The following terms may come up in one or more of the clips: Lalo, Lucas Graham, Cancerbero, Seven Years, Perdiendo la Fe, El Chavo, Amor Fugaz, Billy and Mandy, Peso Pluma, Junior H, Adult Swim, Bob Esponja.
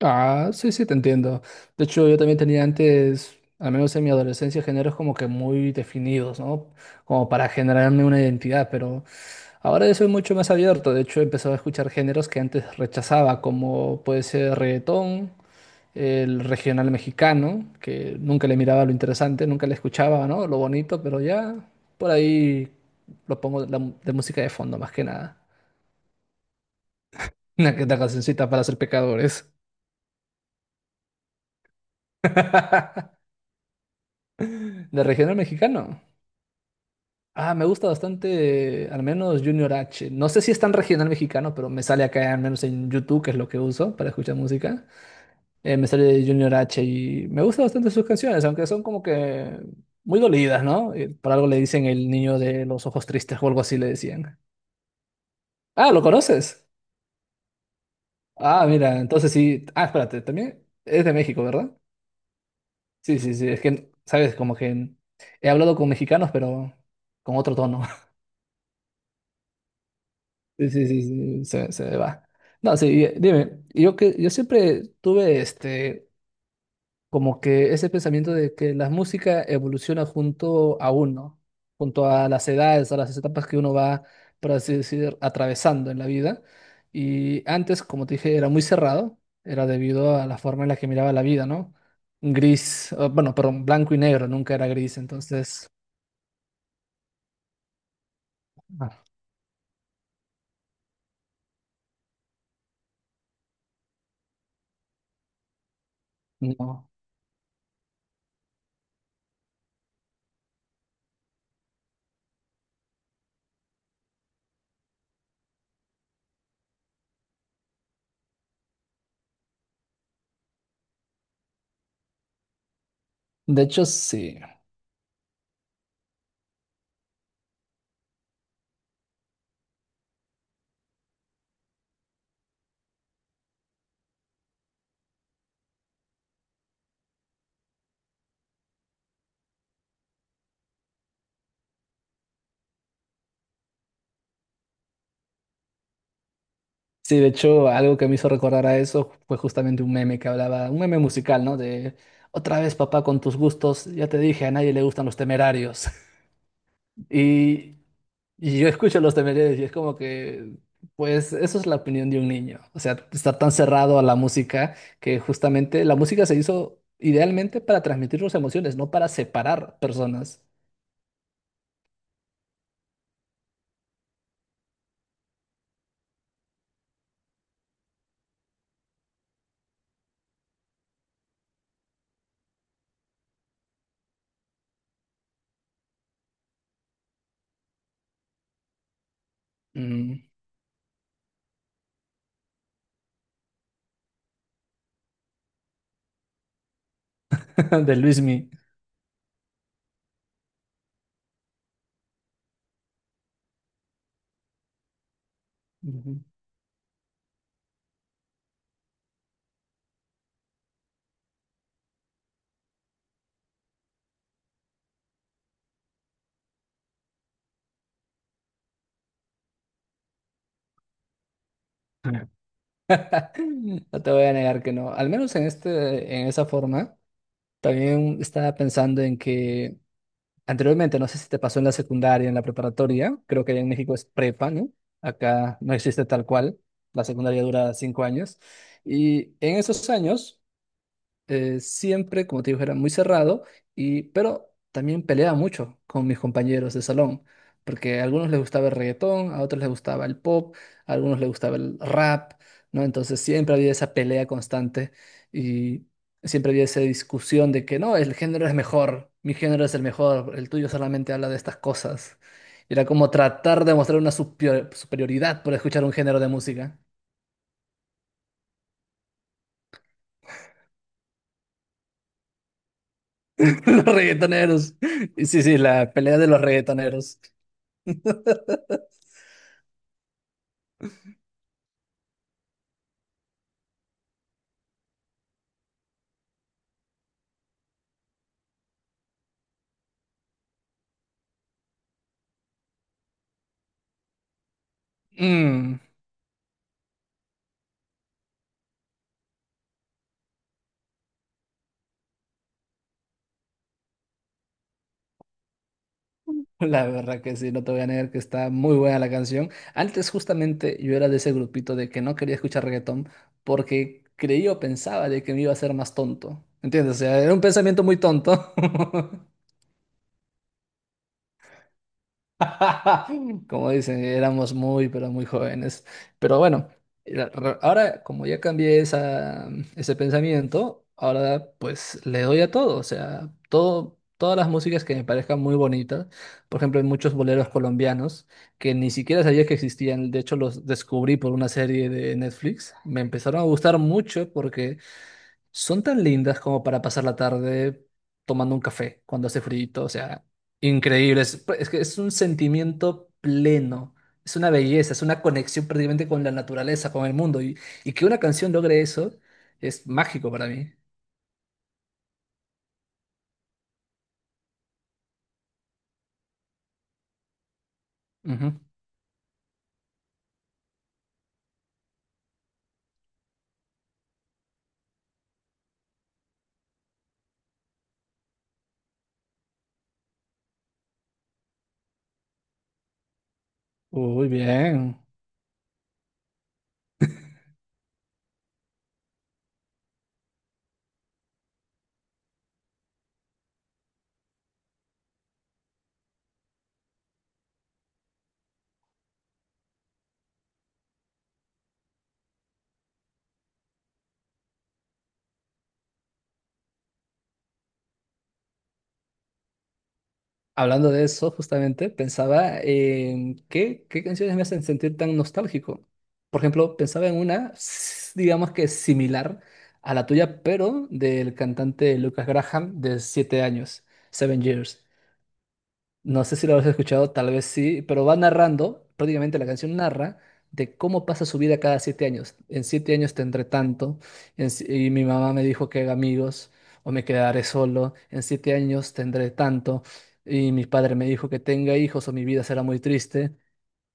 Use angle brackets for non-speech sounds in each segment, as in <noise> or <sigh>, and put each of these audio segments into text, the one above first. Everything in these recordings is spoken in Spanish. Ah, sí, sí, te entiendo. De hecho, yo también tenía antes, al menos en mi adolescencia, géneros como que muy definidos, ¿no? Como para generarme una identidad, pero ahora yo soy mucho más abierto. De hecho, he empezado a escuchar géneros que antes rechazaba, como puede ser reggaetón, el regional mexicano, que nunca le miraba lo interesante, nunca le escuchaba, ¿no? Lo bonito, pero ya por ahí lo pongo de música de fondo, más que nada. <laughs> Una que otra cancioncita para ser pecadores. De regional mexicano. Ah, me gusta bastante, al menos Junior H. No sé si es tan regional mexicano, pero me sale acá, al menos en YouTube, que es lo que uso para escuchar música. Me sale Junior H y me gusta bastante sus canciones, aunque son como que muy dolidas, ¿no? Por algo le dicen el niño de los ojos tristes o algo así le decían. Ah, ¿lo conoces? Ah, mira, entonces sí. Ah, espérate, también es de México, ¿verdad? Sí, sí, sí. Es que, sabes, como que he hablado con mexicanos, pero con otro tono. Sí, sí, sí, sí, se me va. No, sí, dime, yo siempre tuve este como que ese pensamiento de que la música evoluciona junto a uno, junto a las edades, a las etapas que uno va, por así decir, atravesando en la vida. Y antes, como te dije, era muy cerrado, era debido a la forma en la que miraba la vida, ¿no? Gris, bueno, perdón, blanco y negro, nunca era gris, entonces, ah, no. De hecho, sí. Sí, de hecho, algo que me hizo recordar a eso fue justamente un meme que hablaba, un meme musical, ¿no? De otra vez, papá, con tus gustos, ya te dije, a nadie le gustan los Temerarios. <laughs> Y, y yo escucho los Temerarios y es como que, pues, eso es la opinión de un niño. O sea, estar tan cerrado a la música que justamente la música se hizo idealmente para transmitir sus emociones, no para separar personas. Mm. <laughs> De Luismi. Ujú. <laughs> No te voy a negar que no, al menos en este, en esa forma. También estaba pensando en que anteriormente, no sé si te pasó en la secundaria, en la preparatoria, creo que allá en México es prepa, ¿no? Acá no existe tal cual, la secundaria dura 5 años. Y en esos años siempre, como te digo, era muy cerrado, y, pero también peleaba mucho con mis compañeros de salón, porque a algunos les gustaba el reggaetón, a otros les gustaba el pop, a algunos les gustaba el rap, ¿no? Entonces siempre había esa pelea constante y siempre había esa discusión de que no, el género es mejor, mi género es el mejor, el tuyo solamente habla de estas cosas. Era como tratar de mostrar una superioridad por escuchar un género de música. <laughs> Los reggaetoneros. Y sí, sí, la pelea de los reggaetoneros. Mm. <laughs> La verdad que sí, no te voy a negar que está muy buena la canción. Antes justamente yo era de ese grupito de que no quería escuchar reggaetón porque creía o pensaba de que me iba a hacer más tonto. ¿Entiendes? O sea, era un pensamiento muy tonto. <laughs> <laughs> Como dicen, éramos muy, pero muy jóvenes. Pero bueno, ahora como ya cambié ese pensamiento, ahora pues le doy a todo, o sea, todo, todas las músicas que me parezcan muy bonitas. Por ejemplo, hay muchos boleros colombianos que ni siquiera sabía que existían, de hecho los descubrí por una serie de Netflix. Me empezaron a gustar mucho porque son tan lindas como para pasar la tarde tomando un café cuando hace frío, o sea, increíbles. Es pues, es que es un sentimiento pleno, es una belleza, es una conexión prácticamente con la naturaleza, con el mundo. Y que una canción logre eso es mágico para mí. Ujú. Uy, bien. Hablando de eso, justamente, pensaba en qué canciones me hacen sentir tan nostálgico. Por ejemplo, pensaba en una, digamos que similar a la tuya, pero del cantante Lucas Graham de 7 años, Seven Years. No sé si lo habrás escuchado, tal vez sí, pero va narrando, prácticamente la canción narra de cómo pasa su vida cada 7 años. En 7 años tendré tanto, en si- y mi mamá me dijo que haga amigos o me quedaré solo. En 7 años tendré tanto, y mi padre me dijo que tenga hijos o mi vida será muy triste.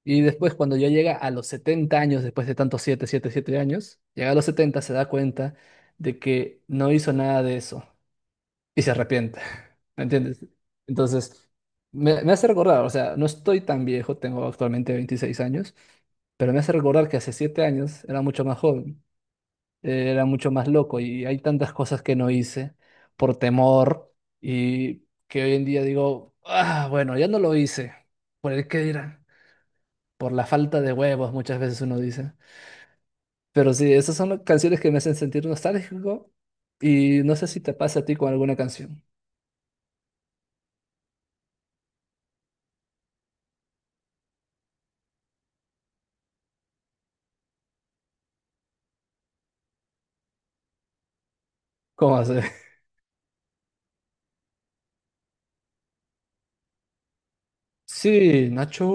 Y después, cuando ya llega a los 70 años, después de tantos siete, siete, siete años, llega a los 70 se da cuenta de que no hizo nada de eso y se arrepiente. ¿Me entiendes? Entonces, me hace recordar, o sea, no estoy tan viejo, tengo actualmente 26 años, pero me hace recordar que hace 7 años era mucho más joven, era mucho más loco y hay tantas cosas que no hice por temor y que hoy en día digo, ah, bueno, ya no lo hice, por el qué dirán, por la falta de huevos, muchas veces uno dice. Pero sí, esas son las canciones que me hacen sentir nostálgico y no sé si te pasa a ti con alguna canción. ¿Cómo hace? <laughs> Sí, Nacho.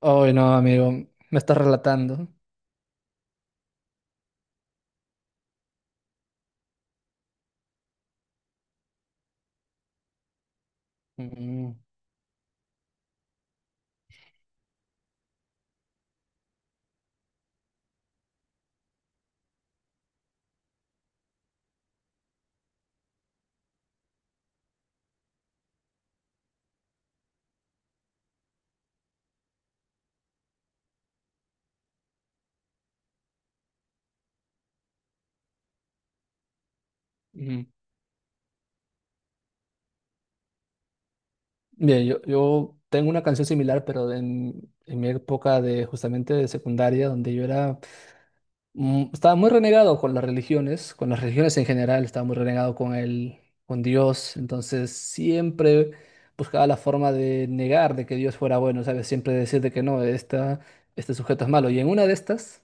Ay, no, amigo, me estás relatando. Mm, mm. Bien, yo tengo una canción similar, pero en mi época de justamente de secundaria, donde yo era, estaba muy renegado con las religiones en general, estaba muy renegado con el, con Dios, entonces siempre buscaba la forma de negar de que Dios fuera bueno, ¿sabes? Siempre decir de que no, este sujeto es malo. Y en una de estas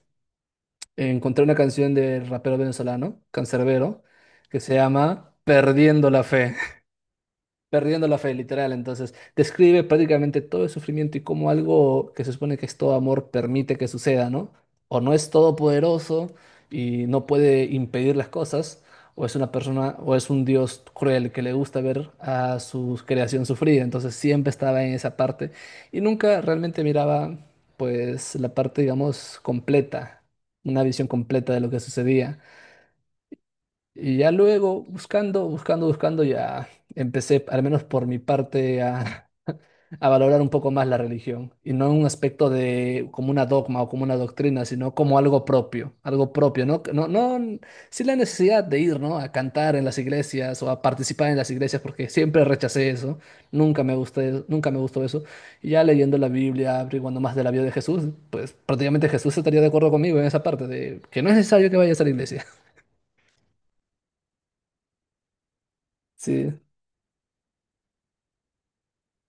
encontré una canción del rapero venezolano, Cancerbero, que se llama Perdiendo la Fe. Perdiendo la fe, literal. Entonces, describe prácticamente todo el sufrimiento y cómo algo que se supone que es todo amor permite que suceda, ¿no? O no es todopoderoso y no puede impedir las cosas, o es una persona, o es un dios cruel que le gusta ver a su creación sufrida. Entonces, siempre estaba en esa parte y nunca realmente miraba, pues, la parte, digamos, completa, una visión completa de lo que sucedía. Y ya luego, buscando, buscando, buscando, ya empecé, al menos por mi parte, a, <laughs> a valorar un poco más la religión. Y no en un aspecto de como una dogma o como una doctrina, sino como algo propio, ¿no? No, no, sin la necesidad de ir, ¿no? A cantar en las iglesias o a participar en las iglesias, porque siempre rechacé eso. Nunca me gusté, nunca me gustó eso. Y ya leyendo la Biblia, averiguando más de la vida de Jesús, pues prácticamente Jesús estaría de acuerdo conmigo en esa parte de que no es necesario que vayas a la iglesia. <laughs> Sí.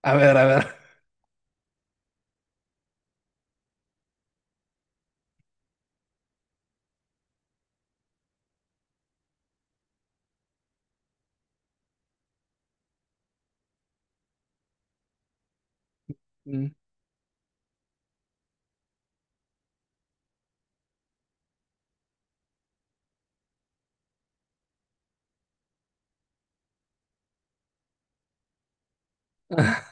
A ver, a ver. Mm. <laughs>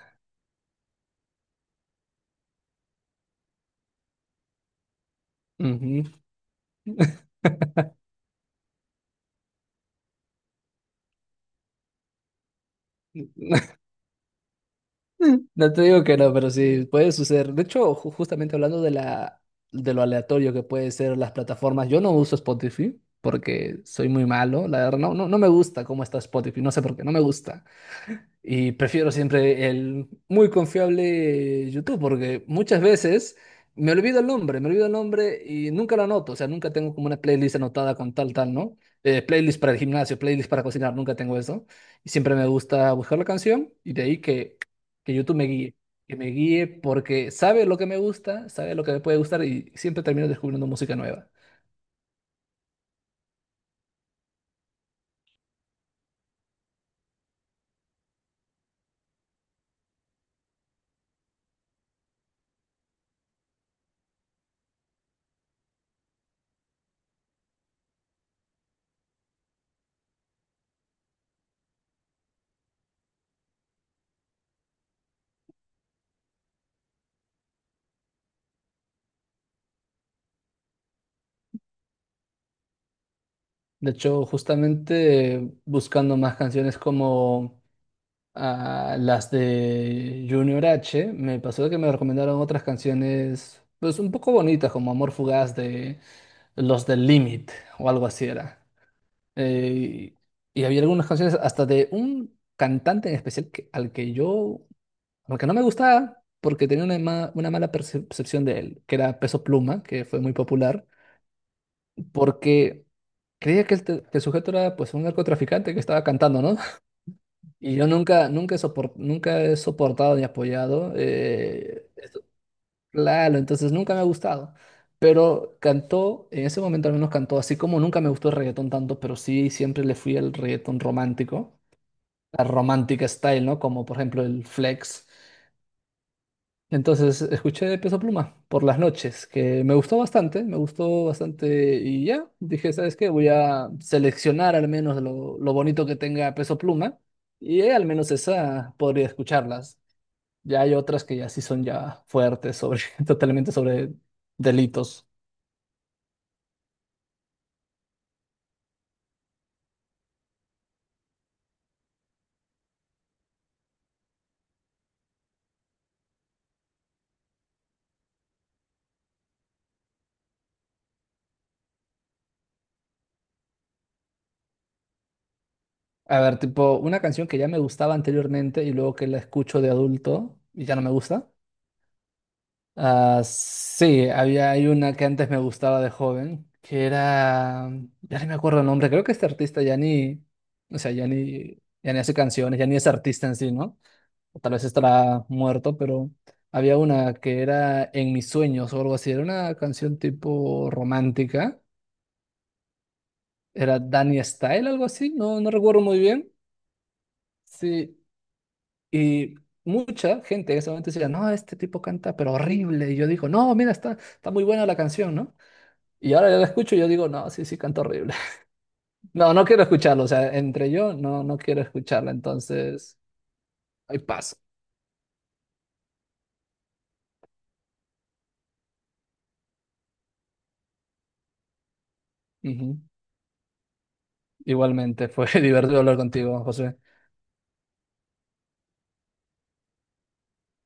Ujú. <laughs> No te digo que no, pero sí, puede suceder. De hecho, justamente hablando de la, de lo aleatorio que puede ser las plataformas, yo no uso Spotify porque soy muy malo, la verdad, no, no, no me gusta cómo está Spotify, no sé por qué, no me gusta. Y prefiero siempre el muy confiable YouTube, porque muchas veces me olvido el nombre, me olvido el nombre y nunca lo anoto. O sea, nunca tengo como una playlist anotada con tal, tal, ¿no? Playlist para el gimnasio, playlist para cocinar, nunca tengo eso. Y siempre me gusta buscar la canción y de ahí que, YouTube me guíe, que me guíe porque sabe lo que me gusta, sabe lo que me puede gustar y siempre termino descubriendo música nueva. De hecho, justamente buscando más canciones como a las de Junior H, me pasó que me recomendaron otras canciones, pues un poco bonitas, como Amor Fugaz de los del Limit o algo así era. Eh, y había algunas canciones hasta de un cantante en especial al que no me gustaba, porque tenía una, una mala percepción de él, que era Peso Pluma, que fue muy popular, porque creía que el sujeto era pues un narcotraficante que estaba cantando, no y yo nunca, nunca he soportado ni apoyado Lalo, entonces nunca me ha gustado. Pero cantó, en ese momento al menos cantó, así como nunca me gustó el reggaetón tanto, pero sí siempre le fui al reggaetón romántico, la romántica style, ¿no? Como por ejemplo el Flex. Entonces escuché Peso Pluma por las noches, que me gustó bastante y ya, dije, ¿sabes qué? Voy a seleccionar al menos lo bonito que tenga Peso Pluma y al menos esa podría escucharlas. Ya hay otras que ya sí son ya fuertes sobre, <laughs> totalmente sobre delitos. A ver, tipo, una canción que ya me gustaba anteriormente y luego que la escucho de adulto y ya no me gusta. Ah, sí, había hay una que antes me gustaba de joven, que era, ya no me acuerdo el nombre, creo que este artista ya ni, o sea, ya ni hace canciones, ya ni es artista en sí, ¿no? O tal vez estará muerto, pero había una que era En mis sueños o algo así, era una canción tipo romántica, era Danny Style, algo así, no, no recuerdo muy bien. Sí, y mucha gente en ese momento decía, no, este tipo canta, pero horrible. Y yo digo, no, mira, está, muy buena la canción, ¿no? Y ahora yo la escucho y yo digo, no, sí, sí, canta horrible. <laughs> No, no quiero escucharlo, o sea, entre yo no, no quiero escucharla, entonces, ahí paso. Ujú. Igualmente, fue <laughs> divertido hablar contigo, José.